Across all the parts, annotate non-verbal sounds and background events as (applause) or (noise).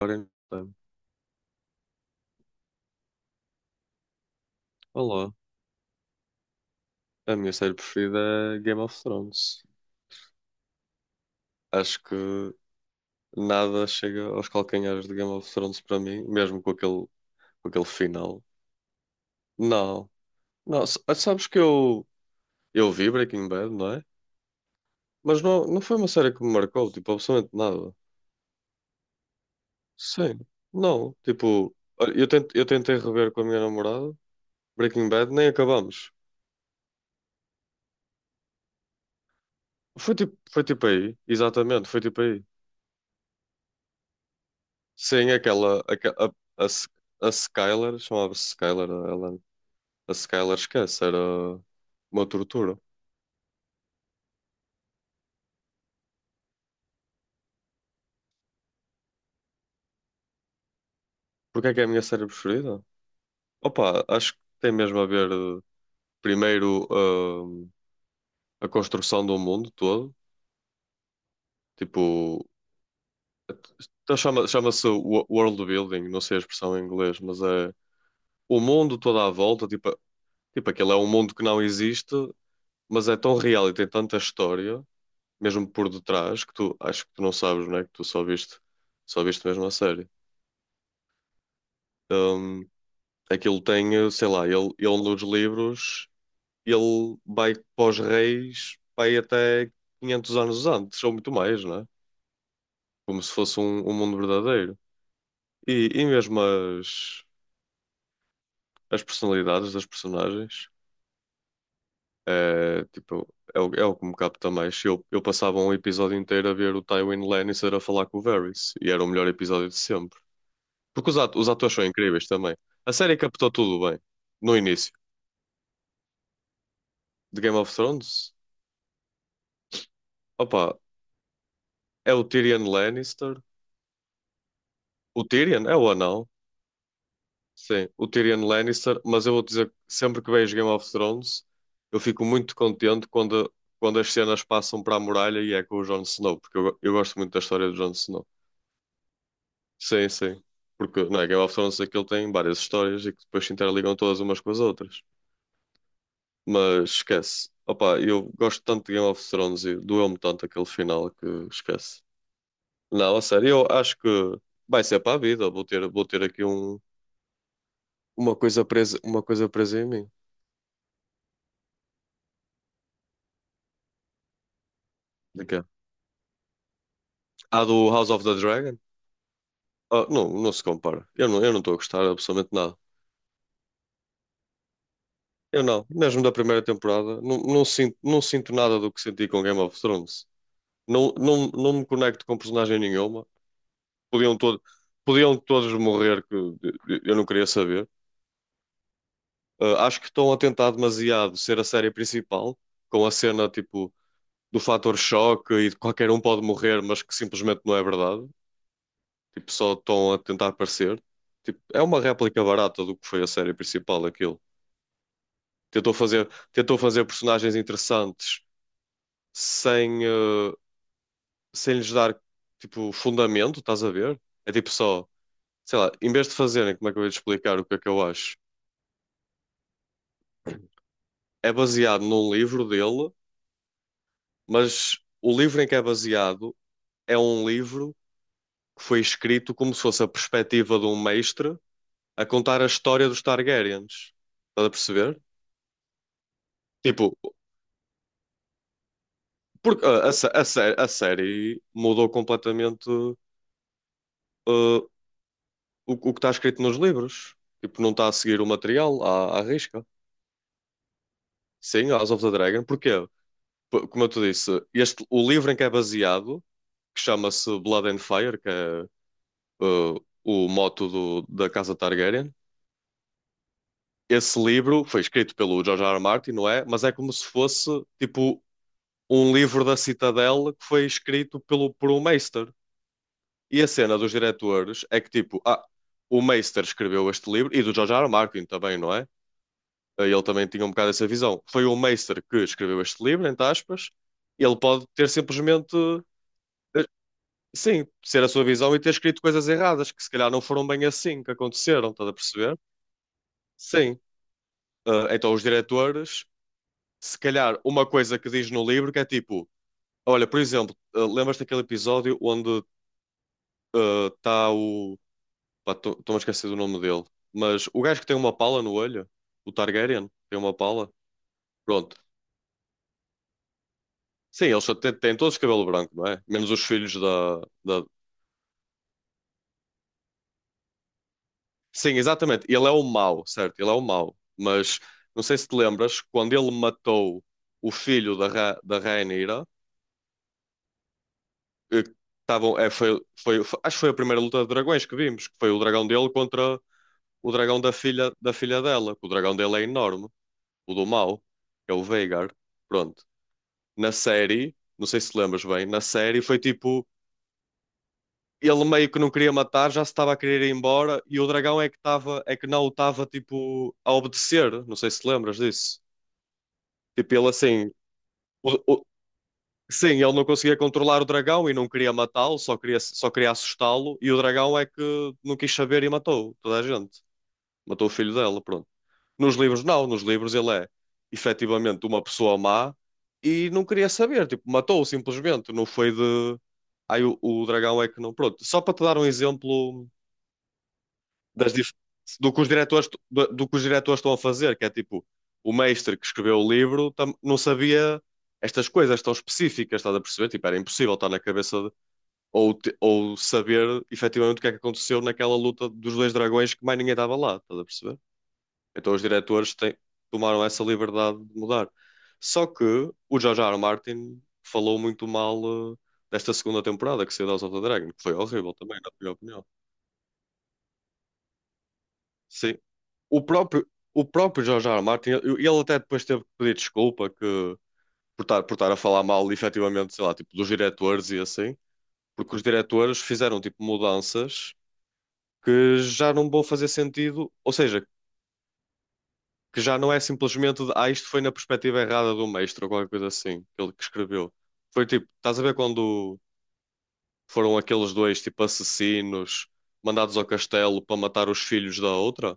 Ora então, olá. A minha série preferida é Game of Thrones. Acho que nada chega aos calcanhares de Game of Thrones para mim, mesmo com aquele final. Não, não, sabes que eu vi Breaking Bad, não é? Mas não, não foi uma série que me marcou, tipo, absolutamente nada. Sim, não, tipo, olha, eu tentei rever com a minha namorada Breaking Bad, nem acabamos. Foi tipo aí, exatamente, foi tipo aí. Sim, aquela, aque- a, S- a Skylar, chamava-se Skylar, ela, a Skylar esquece, era uma tortura. Porque é que é a minha série preferida? Opa, acho que tem mesmo a ver, primeiro, a construção do mundo todo, tipo, então chama-se world building, não sei a expressão em inglês, mas é o mundo todo à volta, tipo aquele é um mundo que não existe, mas é tão real e tem tanta história mesmo por detrás, que tu acho que tu não sabes, não é? Que tu só viste mesmo a série. Hum, Aquilo tem, sei lá, ele nos livros, ele vai para os reis, vai até 500 anos antes, ou muito mais, não é? Como se fosse um mundo verdadeiro. E mesmo as personalidades das personagens, é, tipo, é o que me capta mais. Eu passava um episódio inteiro a ver o Tywin Lannister a falar com o Varys, e era o melhor episódio de sempre. Porque os atores são incríveis também. A série captou tudo bem no início de Game of Thrones. Opa, é o Tyrion Lannister. O Tyrion é o anão. Sim, o Tyrion Lannister. Mas eu vou dizer que sempre que vejo Game of Thrones, eu fico muito contente quando, quando as cenas passam para a muralha e é com o Jon Snow, porque eu gosto muito da história do Jon Snow. Sim, sim. Porque não é, Game of Thrones aquilo tem várias histórias e que depois se interligam todas umas com as outras. Mas esquece. Opa, eu gosto tanto de Game of Thrones e doeu-me tanto aquele final que esquece. Não, a sério, eu acho que vai ser para a vida. Vou ter aqui uma coisa presa em mim. De quê? A do House of the Dragon? Ah, não, não se compara. Eu não estou a gostar absolutamente nada. Eu não, mesmo da primeira temporada, não sinto nada do que senti com Game of Thrones. Não, não, não me conecto com personagem nenhuma. Podiam, todo, Podiam todos morrer, que eu não queria saber. Acho que estão a tentar demasiado ser a série principal, com a cena tipo do fator choque e de qualquer um pode morrer, mas que simplesmente não é verdade. Tipo, só estão a tentar parecer. Tipo, é uma réplica barata do que foi a série principal, aquilo. Tentou fazer personagens interessantes sem, uh, sem lhes dar tipo fundamento, estás a ver? É tipo só, sei lá, em vez de fazerem, como é que eu ia te explicar o que é que eu acho? É baseado num livro dele, mas o livro em que é baseado é um livro que foi escrito como se fosse a perspectiva de um mestre a contar a história dos Targaryens. Estás a perceber? Tipo, porque a série mudou completamente, o, o que está escrito nos livros. Tipo, não está a seguir o material à risca. Sim, House of the Dragon. Porquê? Como eu te disse, este, o livro em que é baseado, que chama-se Blood and Fire, que é, o moto da Casa Targaryen, esse livro foi escrito pelo George R. R. Martin, não é? Mas é como se fosse tipo um livro da Citadel que foi escrito por um Meister. E a cena dos diretores é que tipo, o Meister escreveu este livro e do George R. R. Martin também, não é? Ele também tinha um bocado essa visão. Foi o Meister que escreveu este livro, entre aspas. Ele pode ter simplesmente, eh, sim, ser a sua visão e ter escrito coisas erradas que se calhar não foram bem assim que aconteceram, estás a perceber? Sim. Ah, então os diretores se calhar uma coisa que diz no livro que é tipo, olha, por exemplo, lembras-te daquele episódio onde está o. Pá, estou-me a esquecer do nome dele, mas o gajo que tem uma pala no olho, o Targaryen, tem uma pala. Pronto. Sim, eles só têm todos cabelo branco, não é? Menos os filhos da. Sim, exatamente. Ele é o mau, certo? Ele é o mau. Mas não sei se te lembras, quando ele matou o filho da Rhaenyra, eh, estavam, é, foi, foi, foi- acho que foi a primeira luta de dragões que vimos, que foi o dragão dele contra o dragão da filha dela, que o dragão dele é enorme. O do mal é o Veigar. Pronto. Na série, não sei se te lembras bem, na série foi tipo. Ele meio que não queria matar, já se estava a querer ir embora, e o dragão estava é que não o estava tipo a obedecer. Não sei se te lembras disso. Tipo, ele assim. o- o- sim, ele não conseguia controlar o dragão e não queria matá-lo, só queria assustá-lo, e o dragão é que não quis saber e matou toda a gente. Matou o filho dela, pronto. Nos livros, não, nos livros ele é efetivamente uma pessoa má e não queria saber, tipo, matou-o simplesmente, não foi de. Aí o dragão é que não. Pronto, só para te dar um exemplo das dif- do que os diretores, do que os diretores estão a fazer, que é tipo, o mestre que escreveu o livro não sabia estas coisas tão específicas, estás a perceber? Tipo, era impossível estar na cabeça ou, ou saber efetivamente o que é que aconteceu naquela luta dos dois dragões que mais ninguém estava lá, estás a perceber? Então os diretores tomaram essa liberdade de mudar. Só que o George R. R. Martin falou muito mal, desta segunda temporada que saiu de House of the Dragon, que foi horrível também, na minha opinião. Sim. O próprio, o próprio George R. R. Martin, ele até depois teve que pedir desculpa que, por estar a falar mal, efetivamente, sei lá, tipo, dos diretores e assim, porque os diretores fizeram, tipo, mudanças que já não vão fazer sentido, ou seja, que já não é simplesmente de, isto foi na perspectiva errada do mestre ou qualquer coisa assim, que ele que escreveu. Foi tipo, estás a ver quando foram aqueles dois, tipo, assassinos mandados ao castelo para matar os filhos da outra?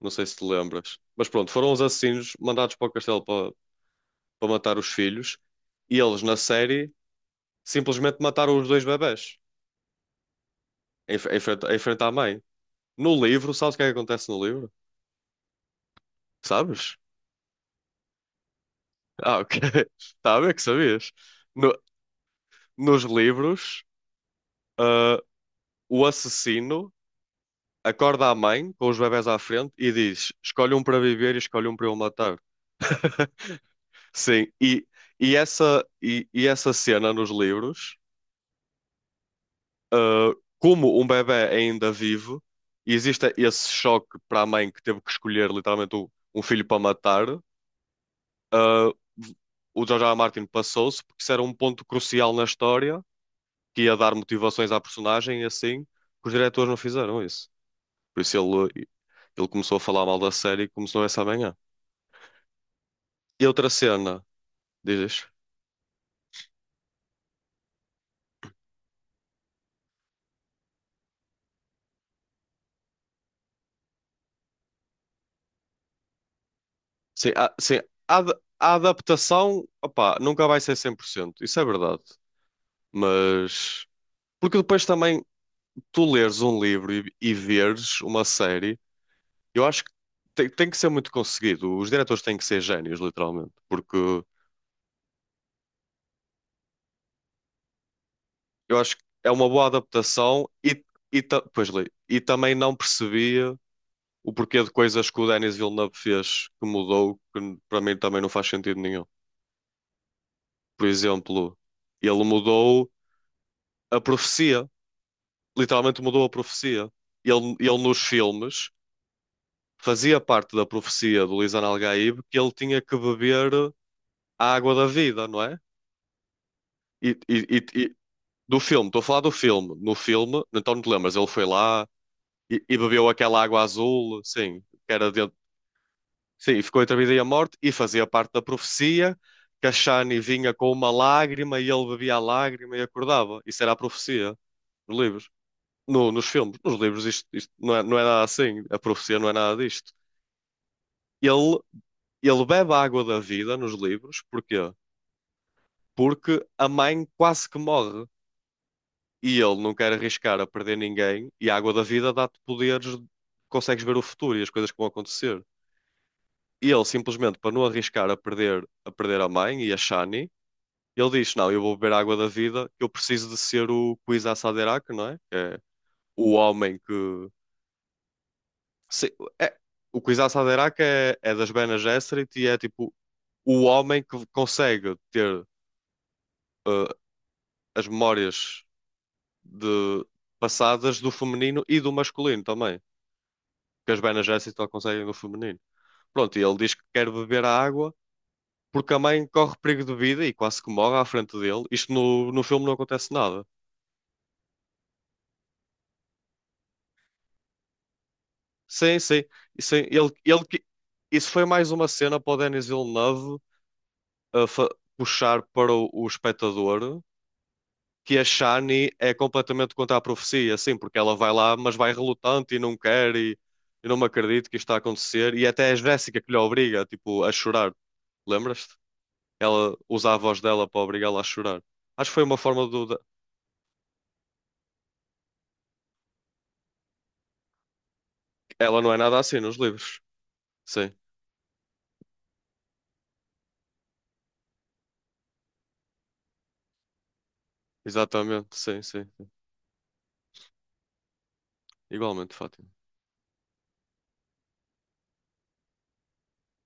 Não sei se te lembras. Mas pronto, foram os assassinos mandados para o castelo para, para matar os filhos, e eles na série simplesmente mataram os dois bebés em frente à mãe. No livro, sabes o que é que acontece no livro? Sabes? Ah, ok. (laughs) Tá a ver que sabias. No- Nos livros. Uh, o assassino acorda a mãe com os bebés à frente e diz: Escolhe um para viver e escolhe um para eu matar. (laughs) Sim, e essa cena nos livros, ah, como um bebé é ainda vivo, e existe esse choque para a mãe que teve que escolher literalmente um, filho para matar, ah, o George R. R. Martin passou-se porque isso era um ponto crucial na história que ia dar motivações à personagem e assim, que os diretores não fizeram isso. Por isso ele começou a falar mal da série e começou essa manhã. E outra cena, dizes? Sim, sim, a, ad- a adaptação, opá, nunca vai ser 100%. Isso é verdade. Mas. Porque depois também tu leres um livro e veres uma série, eu acho que tem que ser muito conseguido. Os diretores têm que ser génios, literalmente. Porque eu acho que é uma boa adaptação e pois, li. E também não percebia o porquê de coisas que o Denis Villeneuve fez que mudou, que para mim também não faz sentido nenhum. Por exemplo, ele mudou a profecia, literalmente mudou a profecia. Ele nos filmes fazia parte da profecia do Lisan Al-Gaib que ele tinha que beber a água da vida, não é? E, e- e- e- do filme, estou a falar do filme. No filme, então não te lembras, ele foi lá e bebeu aquela água azul, sim, que era dentro. Sim, e ficou entre a vida e a morte e fazia parte da profecia que a Shani vinha com uma lágrima e ele bebia a lágrima e acordava. Isso era a profecia dos livros. Nos filmes, nos livros, isto não é, nada assim. A profecia não é nada disto. Ele, ele bebe a água da vida nos livros, porquê? Porque a mãe quase que morre e ele não quer arriscar a perder ninguém. E a água da vida dá-te poderes, consegues ver o futuro e as coisas que vão acontecer. E ele, simplesmente, para não arriscar a, perder a mãe e a Shani, ele diz: Não, eu vou beber a água da vida, que eu preciso de ser o Kwisatz Haderach, não é? Que é o homem que. Sim, é- o Quis à Saderac é das Bene Gesserit e é tipo o homem que consegue ter, eh, as memórias de passadas do feminino e do masculino também, que as Bene Gesserit só conseguem do feminino. Pronto, e ele diz que quer beber a água porque a mãe corre perigo de vida e quase que morre à frente dele. Isto no filme não acontece nada. Sim, sim, sim, isso foi mais uma cena para o Denis Villeneuve eh, fa- puxar para o espectador que a Shani é completamente contra a profecia, assim, porque ela vai lá, mas vai relutante e não quer, e não me acredito que isto está a acontecer. E até é a Jéssica que lhe obriga, tipo, a chorar. Lembras-te? Ela usa a voz dela para obrigá-la a chorar. Acho que foi uma forma do. Da- Ela não é nada assim nos livros. Sim, exatamente. Sim, sim. Sim. Igualmente, Fátima.